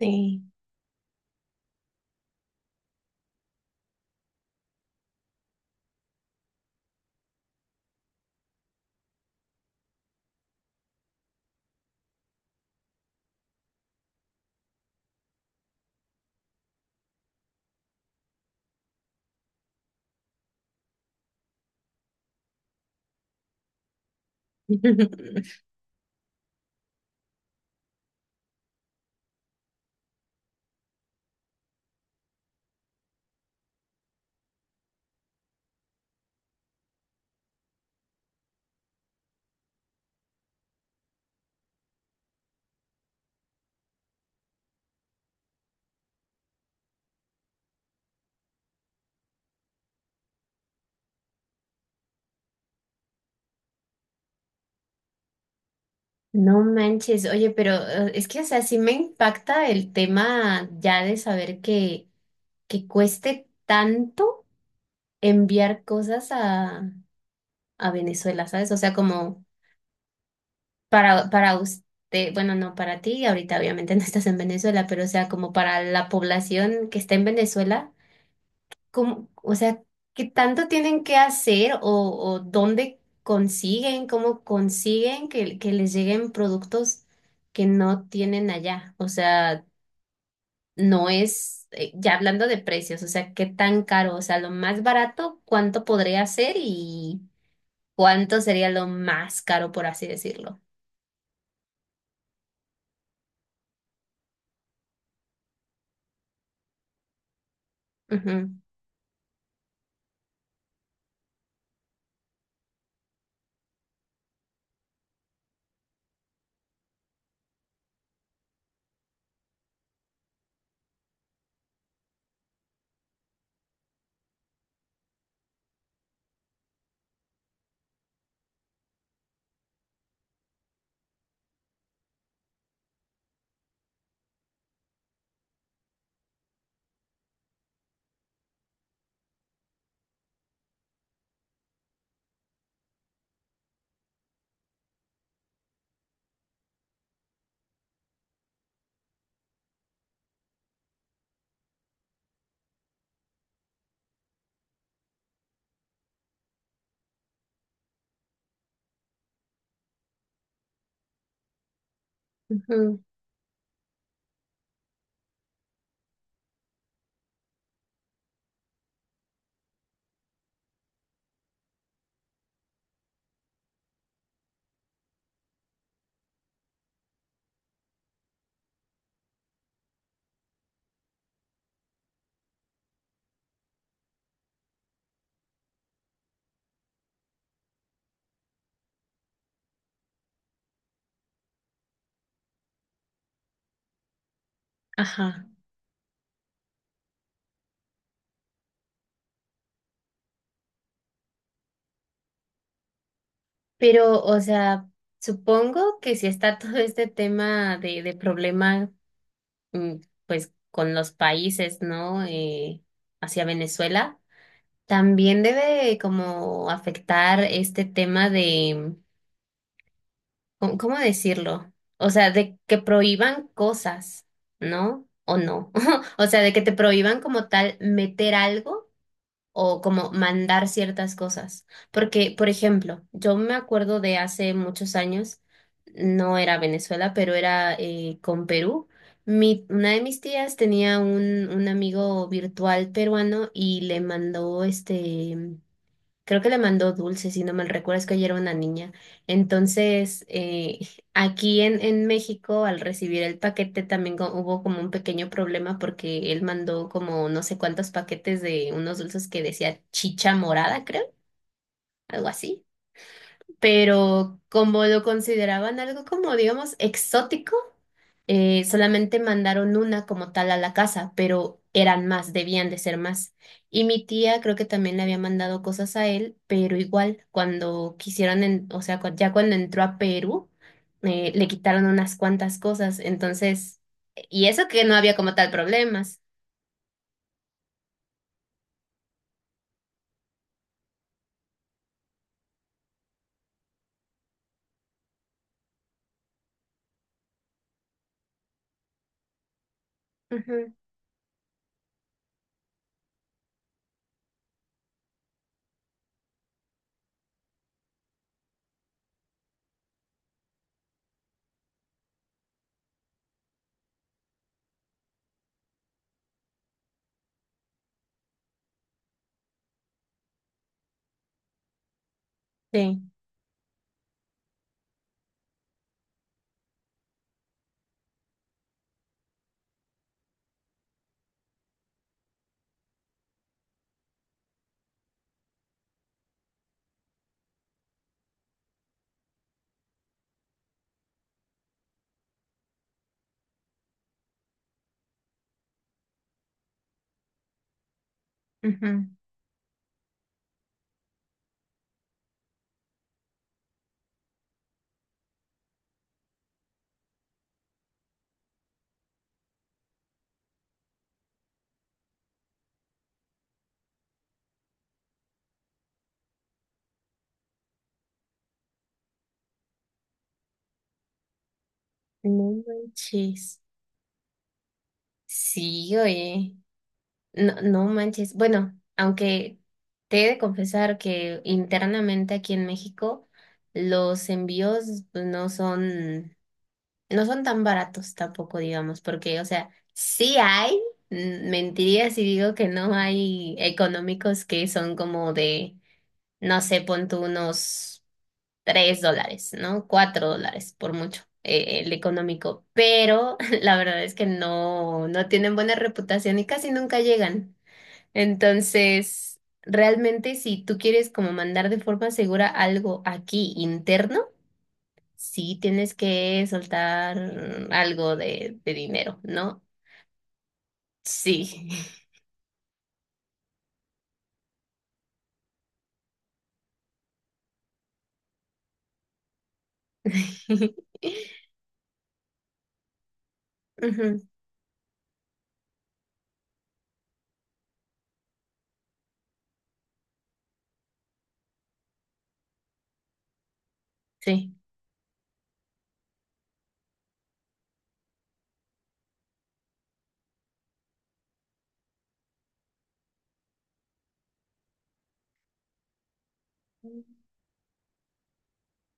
Sí. No manches, oye, pero es que, o sea, sí me impacta el tema ya de saber que cueste tanto enviar cosas a Venezuela, ¿sabes? O sea, como para usted, bueno, no para ti, ahorita obviamente no estás en Venezuela, pero o sea, como para la población que está en Venezuela, cómo- o sea, qué tanto tienen que hacer o dónde consiguen, cómo consiguen que les lleguen productos que no tienen allá. O sea, no es, ya hablando de precios, o sea, qué tan caro, o sea, lo más barato, cuánto podría ser y cuánto sería lo más caro, por así decirlo. Ujú, ujú, ajá. Pero, o sea, supongo que si está todo este tema de problema, mm, pues con los países, ¿no? Hacia Venezuela. También debe como afectar este tema de, ¿cómo decirlo? O sea, de que prohíban cosas, ¿no? O no. O sea, de que te prohíban como tal meter algo o como mandar ciertas cosas. Porque, por ejemplo, yo me acuerdo de hace muchos años, no era Venezuela, pero era con Perú. Una de mis tías tenía un amigo virtual peruano y le mandó este. Creo que le mandó dulces, si no mal recuerdo, es que yo era una niña. Entonces, aquí en México, al recibir el paquete, también hubo como un pequeño problema porque él mandó como no sé cuántos paquetes de unos dulces que decía chicha morada, creo, algo así, pero como lo consideraban algo como, digamos, exótico, solamente mandaron una como tal a la casa, pero eran más, debían de ser más. Y mi tía creo que también le había mandado cosas a él, pero igual, cuando quisieron, ya cuando entró a Perú, le quitaron unas cuantas cosas, entonces, y eso que no había como tal problemas. Ujú, sí, ujú. No manches. Sí, oye. No, no manches. Bueno, aunque te he de confesar que internamente aquí en México los envíos pues, no son tan baratos tampoco, digamos, porque, o sea, sí hay, mentiría si digo que no hay económicos que son como de, no sé, pon tú unos $3, ¿no? $4 por mucho. El económico, pero la verdad es que no, no tienen buena reputación y casi nunca llegan. Entonces, realmente si tú quieres como mandar de forma segura algo aquí interno, sí tienes que soltar algo de dinero, ¿no? Sí. Ujú, sí.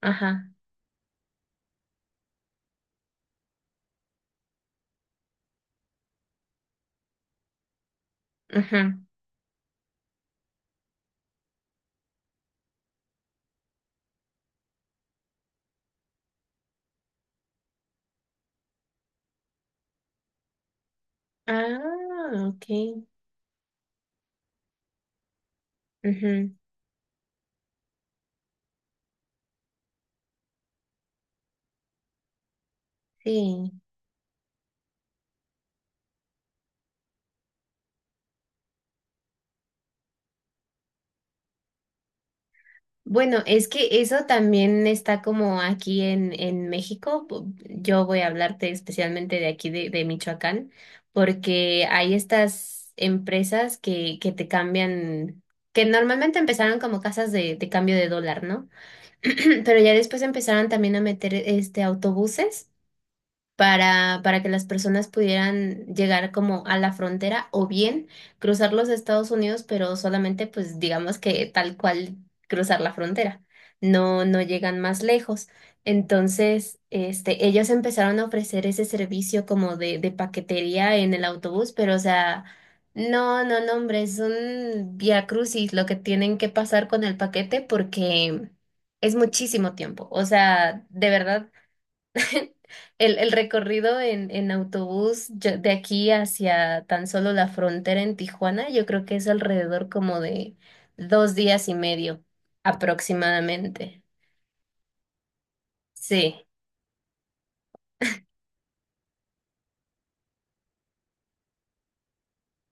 Ajá. Ajá. Ah, ok. Ujú, sí. Bueno, es que eso también está como aquí en México. Yo voy a hablarte especialmente de aquí de Michoacán, porque hay estas empresas que te cambian, que normalmente empezaron como casas de cambio de dólar, ¿no? Pero ya después empezaron también a meter este autobuses para que las personas pudieran llegar como a la frontera o bien cruzar los Estados Unidos, pero solamente pues digamos que tal cual cruzar la frontera. No, no llegan más lejos. Entonces, este, ellos empezaron a ofrecer ese servicio como de paquetería en el autobús, pero o sea, no, no, no, hombre, es un vía crucis lo que tienen que pasar con el paquete porque es muchísimo tiempo. O sea, de verdad. El recorrido en autobús de aquí hacia tan solo la frontera en Tijuana, yo creo que es alrededor como de 2 días y medio aproximadamente. Sí.